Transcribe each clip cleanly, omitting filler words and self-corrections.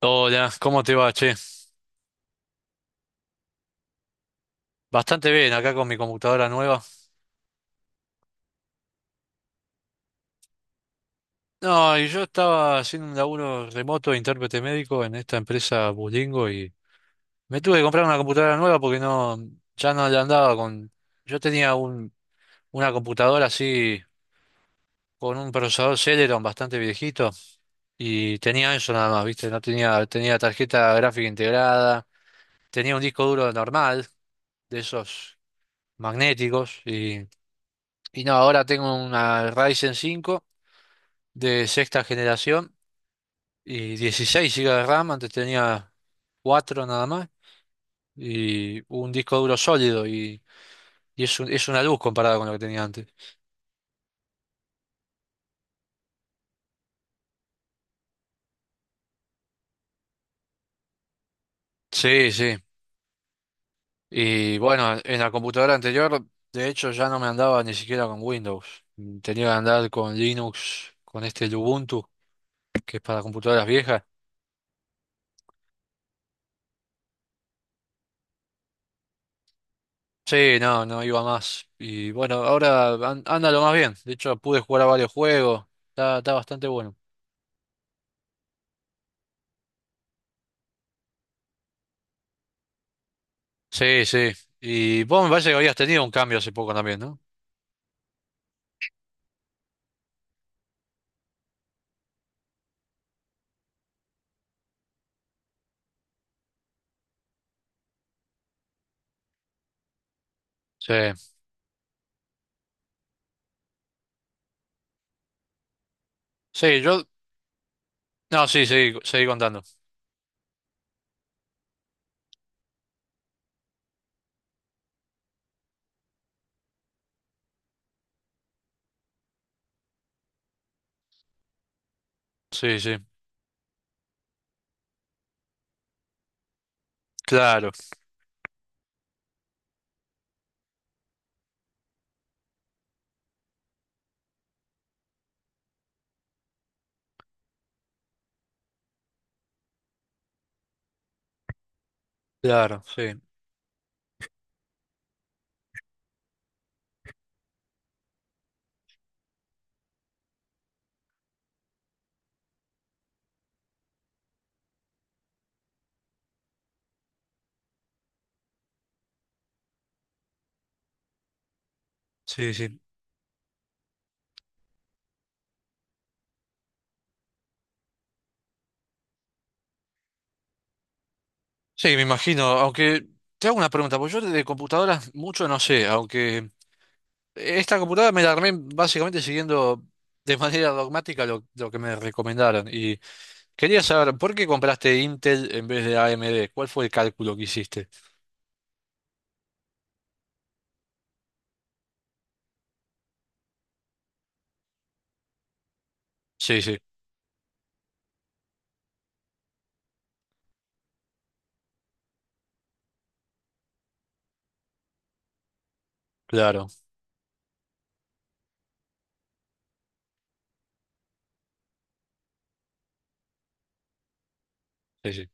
Hola, ¿cómo te va, che? Bastante bien, acá con mi computadora nueva. No, y yo estaba haciendo un laburo remoto de intérprete médico en esta empresa Bulingo y me tuve que comprar una computadora nueva porque no, ya no le andaba con... Yo tenía una computadora así con un procesador Celeron bastante viejito y tenía eso nada más, ¿viste? No tenía, tenía tarjeta gráfica integrada, tenía un disco duro normal de esos magnéticos y no, ahora tengo una Ryzen 5 de sexta generación y 16 gigas de RAM, antes tenía 4 nada más y un disco duro sólido y es una luz comparada con lo que tenía antes. Sí, sí. Y bueno, en la computadora anterior, de hecho, ya no me andaba ni siquiera con Windows. Tenía que andar con Linux, con este Ubuntu, que es para computadoras viejas. Sí, no, no iba más. Y bueno, ahora anda lo más bien. De hecho, pude jugar a varios juegos. Está bastante bueno. Sí, sí. Y vos me parece que habías tenido un cambio hace poco también, ¿no? Sí. Sí, yo. No, sí, sí, seguí contando. Sí, sí. Claro, claro, sí. Sí, sí. Sí, me imagino. Aunque te hago una pregunta, porque yo de computadoras mucho no sé, aunque esta computadora me la armé básicamente siguiendo de manera dogmática lo que me recomendaron. Y quería saber, ¿por qué compraste Intel en vez de AMD? ¿Cuál fue el cálculo que hiciste? Sí, sí, claro. Sí, sí.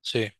Sí,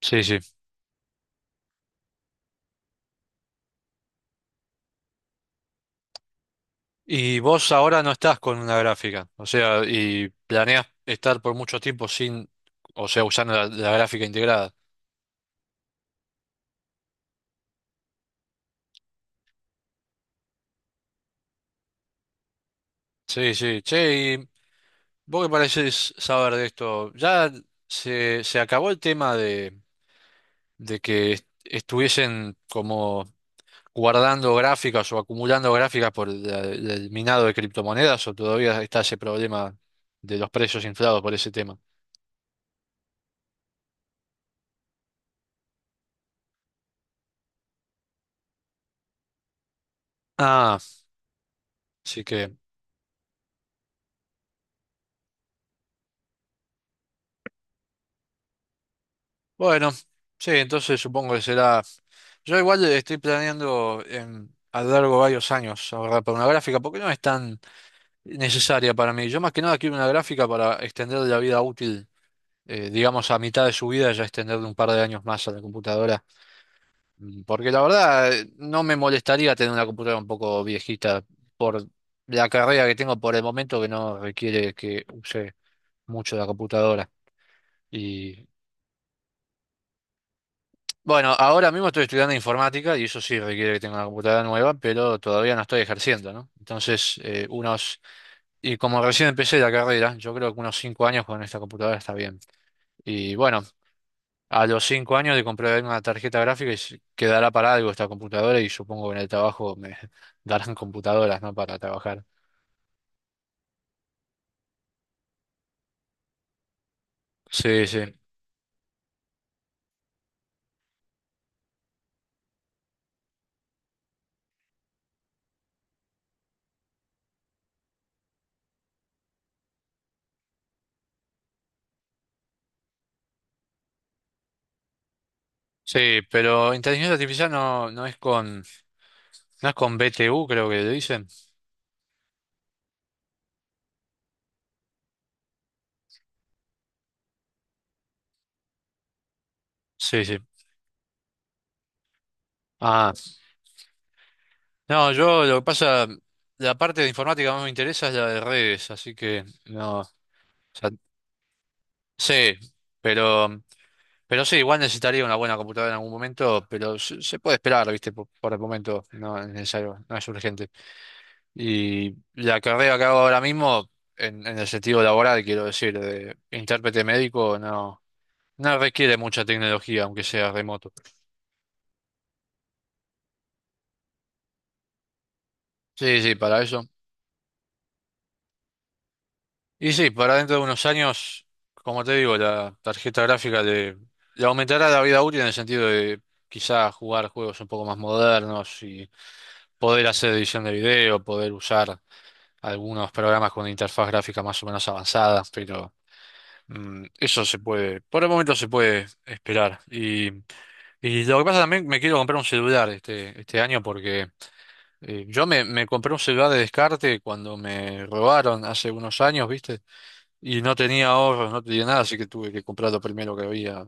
sí, sí. Y vos ahora no estás con una gráfica, o sea, y planeas estar por mucho tiempo sin, o sea, usando la gráfica integrada. Sí, sí. Che, y vos qué parecés saber de esto, ya se acabó el tema de que estuviesen como guardando gráficas o acumulando gráficas por el minado de criptomonedas, o todavía está ese problema de los precios inflados por ese tema. Ah, así que, bueno, sí, entonces supongo que será. Yo igual estoy planeando en, a lo largo de varios años ahorrar para una gráfica, porque no es tan necesaria para mí. Yo más que nada quiero una gráfica para extender la vida útil, digamos a mitad de su vida, ya extenderle un par de años más a la computadora. Porque la verdad no me molestaría tener una computadora un poco viejita por la carrera que tengo por el momento que no requiere que use mucho la computadora. Bueno, ahora mismo estoy estudiando informática y eso sí requiere que tenga una computadora nueva, pero todavía no estoy ejerciendo, ¿no? Entonces, y como recién empecé la carrera, yo creo que unos 5 años con esta computadora está bien. Y bueno, a los 5 años de comprar una tarjeta gráfica y quedará para algo esta computadora y supongo que en el trabajo me darán computadoras, ¿no? Para trabajar. Sí, sí. Sí, pero inteligencia artificial no, no es con BTU, creo que le dicen. Sí, sí. Ah. No, yo lo que pasa, la parte de informática más me interesa es la de redes, así que no, o sea, sí, pero, pero, sí, igual necesitaría una buena computadora en algún momento, pero se puede esperar, ¿viste? Por el momento no es necesario, no es urgente. Y la carrera que hago ahora mismo, en el sentido laboral, quiero decir, de intérprete médico, no requiere mucha tecnología, aunque sea remoto. Sí, sí, para eso. Y sí, para dentro de unos años, como te digo, la tarjeta gráfica le aumentará la vida útil en el sentido de quizás jugar juegos un poco más modernos y poder hacer edición de video, poder usar algunos programas con interfaz gráfica más o menos avanzada, pero eso se puede, por el momento se puede esperar. Y lo que pasa también, me quiero comprar un celular este año porque yo me compré un celular de descarte cuando me robaron hace unos años, ¿viste? Y no tenía ahorros, no tenía nada, así que tuve que comprar lo primero que había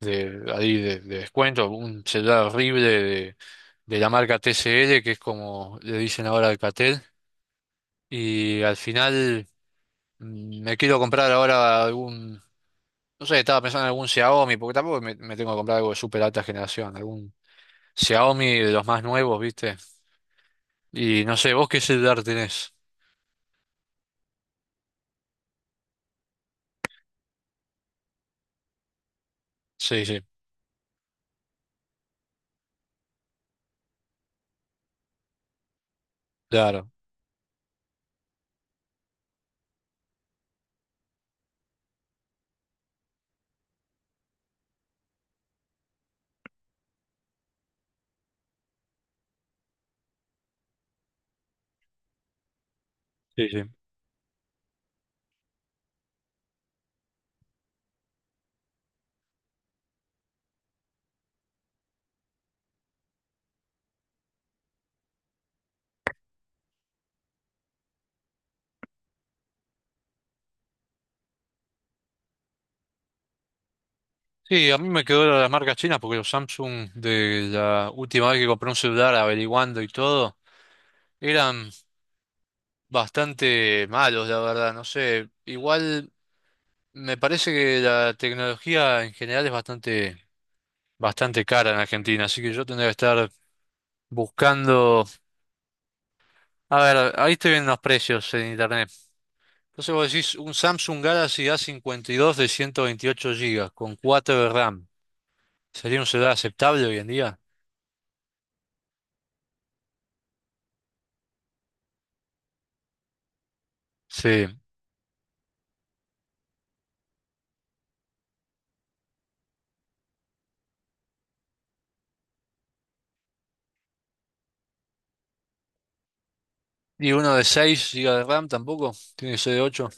de ahí de descuento, un celular horrible de la marca TCL, que es como le dicen ahora Alcatel, y al final me quiero comprar ahora no sé, estaba pensando en algún Xiaomi, porque tampoco me tengo que comprar algo de súper alta generación, algún Xiaomi de los más nuevos, ¿viste? Y no sé, ¿vos qué celular tenés? Sí, sí, claro. Sí, sí. Sí, a mí me quedó la las marcas chinas porque los Samsung de la última vez que compré un celular averiguando y todo eran bastante malos, la verdad. No sé, igual me parece que la tecnología en general es bastante cara en Argentina, así que yo tendría que estar buscando. A ver, ahí estoy viendo los precios en internet. Entonces vos decís un Samsung Galaxy A52 de 128 gigas con 4 de RAM. ¿Sería un celular aceptable hoy en día? Sí. Y uno de 6 gigas de RAM tampoco, tiene que ser de 8.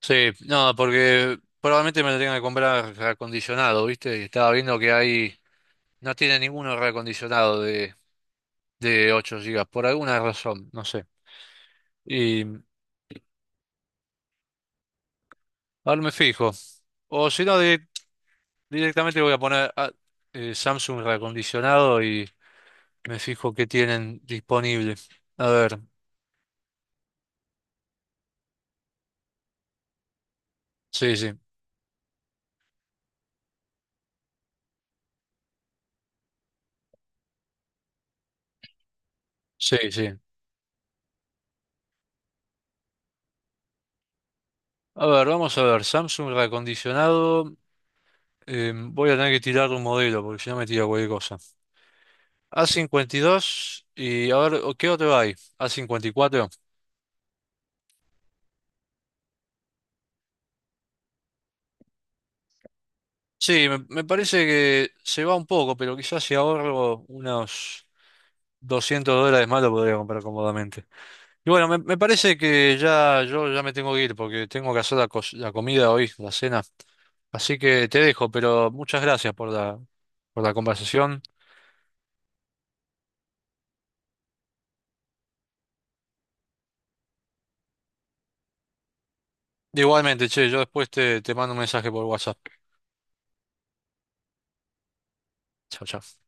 Sí, no, porque probablemente me lo tenga que comprar reacondicionado, ¿viste? Y estaba viendo que hay, no tiene ninguno reacondicionado de, 8 gigas por alguna razón, no sé. Y ahora me fijo. O si no, directamente voy a poner Samsung reacondicionado y me fijo qué tienen disponible. A ver, sí, sí, sí, sí. A ver, vamos a ver, Samsung reacondicionado. Voy a tener que tirar un modelo porque si no me tira cualquier cosa. A52 y a ver, ¿qué otro hay? A54. Sí, me parece que se va un poco, pero quizás si ahorro unos $200 más lo podría comprar cómodamente. Y bueno, me parece que ya yo ya me tengo que ir porque tengo que hacer la comida hoy, la cena. Así que te dejo, pero muchas gracias por la conversación. Igualmente, che, yo después te mando un mensaje por WhatsApp. Chao, chao.